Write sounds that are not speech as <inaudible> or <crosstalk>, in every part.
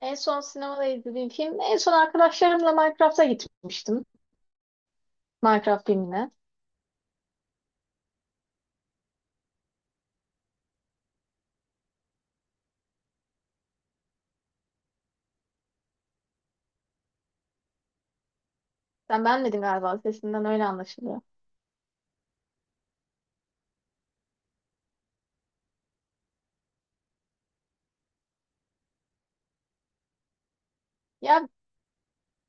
En son sinemada izlediğim film, en son arkadaşlarımla Minecraft'a gitmiştim. Minecraft filmine. Sen beğenmedin galiba, sesinden öyle anlaşılıyor. Ya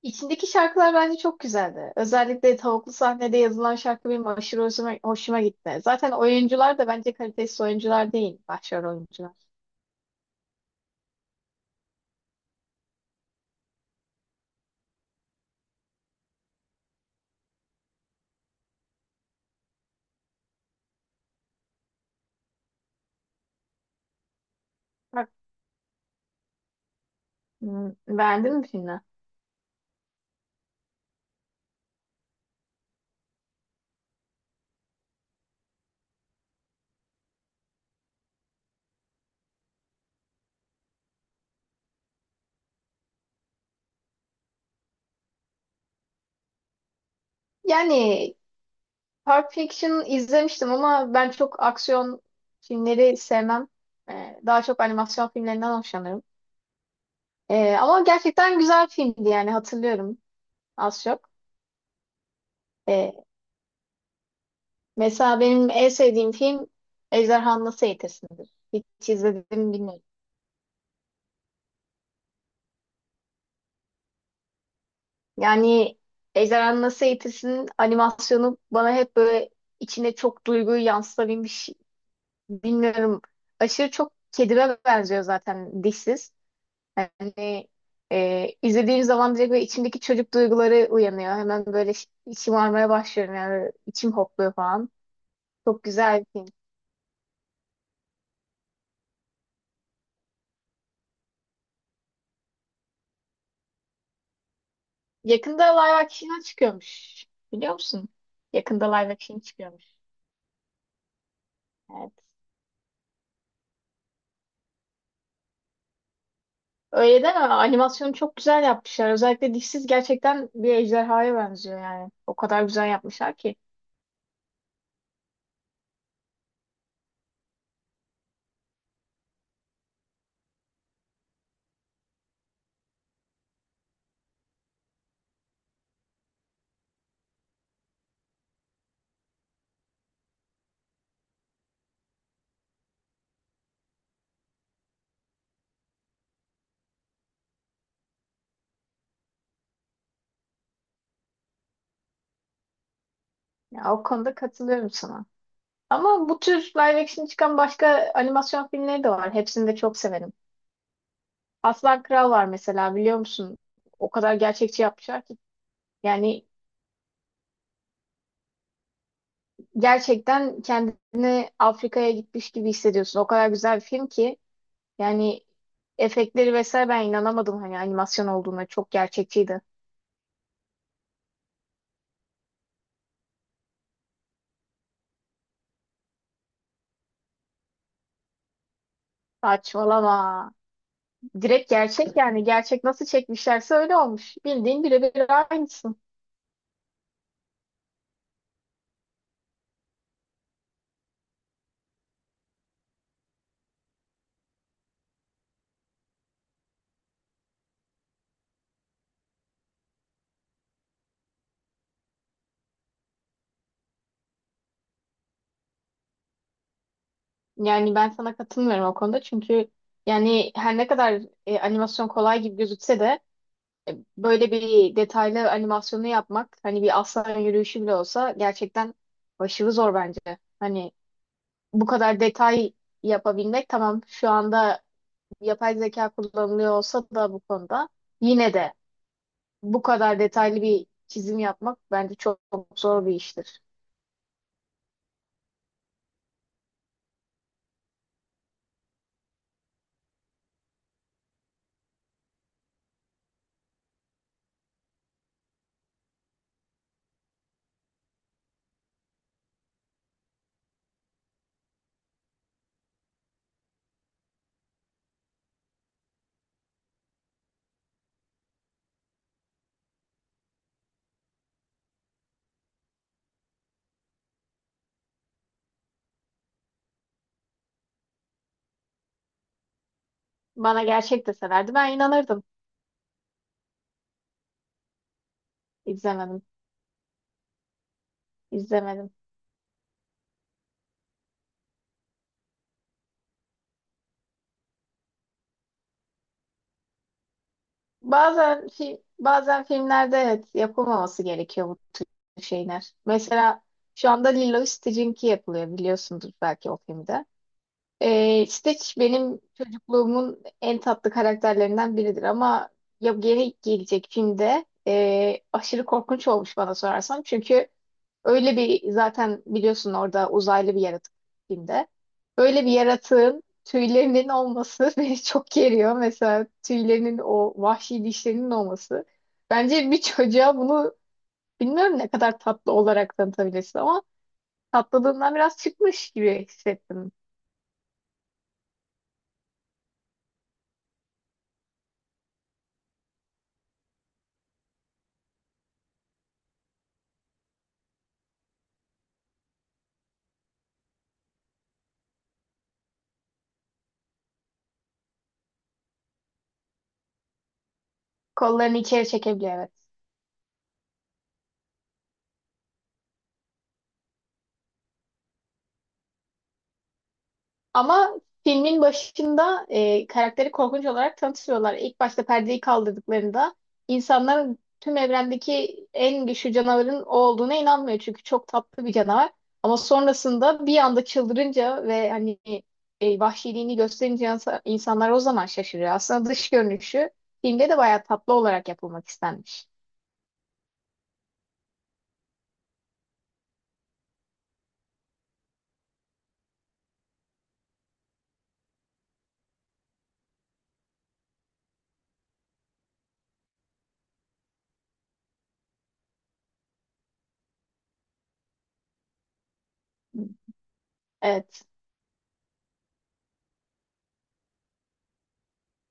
içindeki şarkılar bence çok güzeldi. Özellikle tavuklu sahnede yazılan şarkı benim aşırı hoşuma gitti. Zaten oyuncular da bence kalitesiz oyuncular değil, başrol oyuncular. Bak, hmm, beğendin mi filmi? Yani Pulp Fiction izlemiştim ama ben çok aksiyon filmleri sevmem. Daha çok animasyon filmlerinden hoşlanırım. Ama gerçekten güzel filmdi yani hatırlıyorum az çok. Ee, Mesela benim en sevdiğim film Ejderhanı Nasıl Eğitirsin'dir. Hiç izledim mi bilmiyorum. Yani Ejderhanı Nasıl Eğitirsin'in animasyonu bana hep böyle içine çok duyguyu yansıtabilmiş. Bilmiyorum. Aşırı çok kedime benziyor zaten dişsiz. Yani izlediğim zaman direkt böyle içimdeki çocuk duyguları uyanıyor. Hemen böyle şımarmaya başlıyorum yani içim hopluyor falan. Çok güzel bir film. Yakında live action çıkıyormuş. Biliyor musun? Yakında live action çıkıyormuş. Evet. Öyle deme. Animasyonu çok güzel yapmışlar. Özellikle dişsiz gerçekten bir ejderhaya benziyor yani. O kadar güzel yapmışlar ki. Ya, o konuda katılıyorum sana. Ama bu tür live action çıkan başka animasyon filmleri de var. Hepsini de çok severim. Aslan Kral var mesela biliyor musun? O kadar gerçekçi yapmışlar ki. Yani gerçekten kendini Afrika'ya gitmiş gibi hissediyorsun. O kadar güzel bir film ki. Yani efektleri vesaire ben inanamadım hani animasyon olduğuna çok gerçekçiydi. Saçmalama. Direkt gerçek yani gerçek nasıl çekmişlerse öyle olmuş. Bildiğin birebir aynısın. Yani ben sana katılmıyorum o konuda çünkü yani her ne kadar animasyon kolay gibi gözükse de böyle bir detaylı animasyonu yapmak hani bir aslan yürüyüşü bile olsa gerçekten başarı zor bence. Hani bu kadar detay yapabilmek tamam şu anda yapay zeka kullanılıyor olsa da bu konuda yine de bu kadar detaylı bir çizim yapmak bence çok zor bir iştir. Bana gerçek deselerdi ben inanırdım. İzlemedim, izlemedim. Bazen filmlerde evet yapılmaması gerekiyor bu şeyler. Mesela şu anda Lilo Stitch'inki yapılıyor biliyorsundur belki o filmde. Stitch benim çocukluğumun en tatlı karakterlerinden biridir ama ya geri gelecek filmde aşırı korkunç olmuş bana sorarsan. Çünkü öyle bir zaten biliyorsun orada uzaylı bir yaratık filmde. Öyle bir yaratığın tüylerinin olması <laughs> beni çok geriyor. Mesela tüylerinin o vahşi dişlerinin olması. Bence bir çocuğa bunu bilmiyorum ne kadar tatlı olarak tanıtabilirsin ama tatlılığından biraz çıkmış gibi hissettim. Kollarını içeri çekebiliyor evet. Ama filmin başında karakteri korkunç olarak tanıtıyorlar. İlk başta perdeyi kaldırdıklarında insanların tüm evrendeki en güçlü canavarın o olduğuna inanmıyor. Çünkü çok tatlı bir canavar. Ama sonrasında bir anda çıldırınca ve hani vahşiliğini gösterince insanlar o zaman şaşırıyor. Aslında dış görünüşü filmde de bayağı tatlı olarak yapılmak istenmiş. Evet.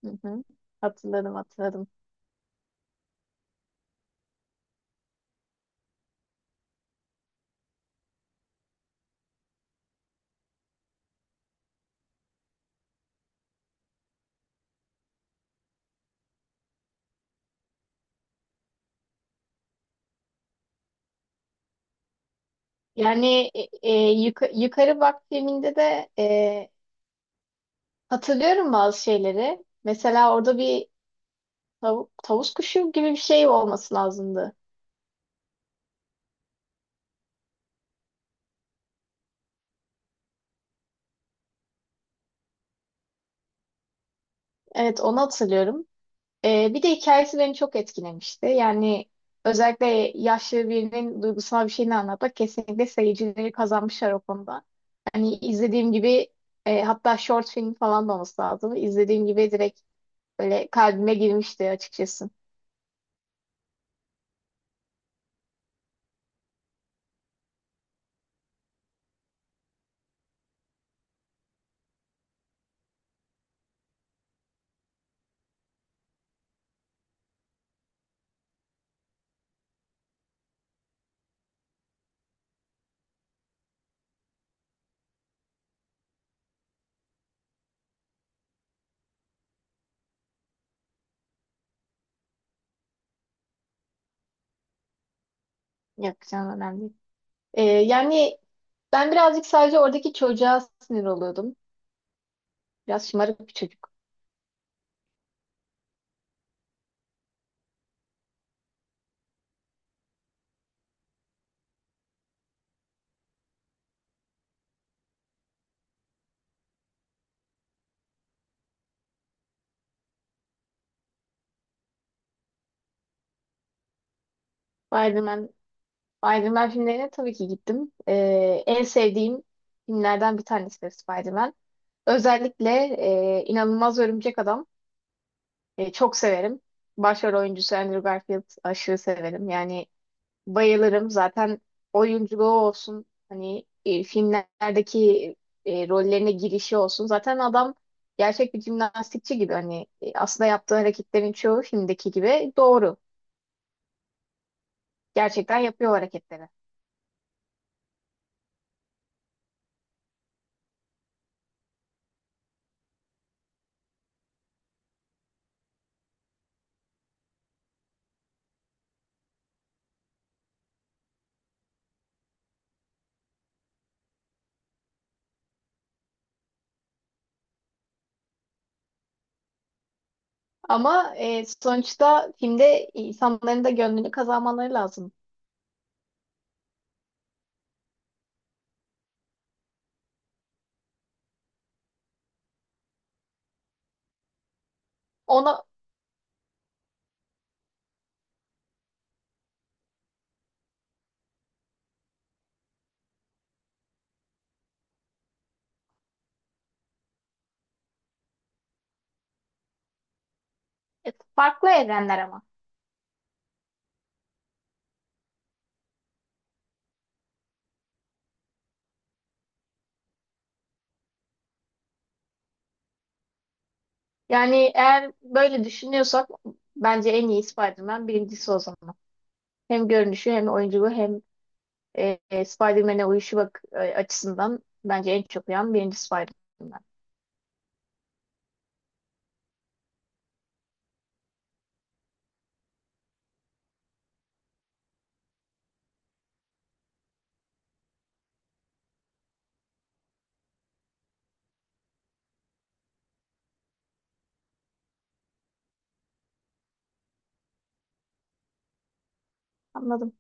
Hı hı. Hatırladım hatırladım. Yani Yukarı Bak filminde de hatırlıyorum bazı şeyleri. Mesela orada bir tavuk tavus kuşu gibi bir şey olması lazımdı. Evet, onu hatırlıyorum. Bir de hikayesi beni çok etkilemişti. Yani özellikle yaşlı birinin duygusal bir şeyini anlatmak kesinlikle seyircileri kazanmışlar o konuda. Hani izlediğim gibi hatta short film falan da olması lazım. İzlediğim gibi direkt böyle kalbime girmişti açıkçası. Yapacağım önemli değil. Yani ben birazcık sadece oradaki çocuğa sinir oluyordum. Biraz şımarık bir çocuk. Spider-Man, Spider-Man filmlerine tabii ki gittim. En sevdiğim filmlerden bir tanesi de Spider-Man. Özellikle İnanılmaz Örümcek Adam çok severim. Başrol oyuncusu Andrew Garfield aşırı severim. Yani bayılırım. Zaten oyunculuğu olsun, hani filmlerdeki rollerine girişi olsun. Zaten adam gerçek bir jimnastikçi gibi. Hani aslında yaptığı hareketlerin çoğu filmdeki gibi doğru. Gerçekten yapıyor o hareketleri. Ama sonuçta filmde insanların da gönlünü kazanmaları lazım. Ona farklı evrenler ama. Yani eğer böyle düşünüyorsak bence en iyi Spider-Man birincisi o zaman. Hem görünüşü hem oyunculuğu hem Spider-Man'e uyuşu bak açısından bence en çok uyan birinci Spider-Man. Anladım.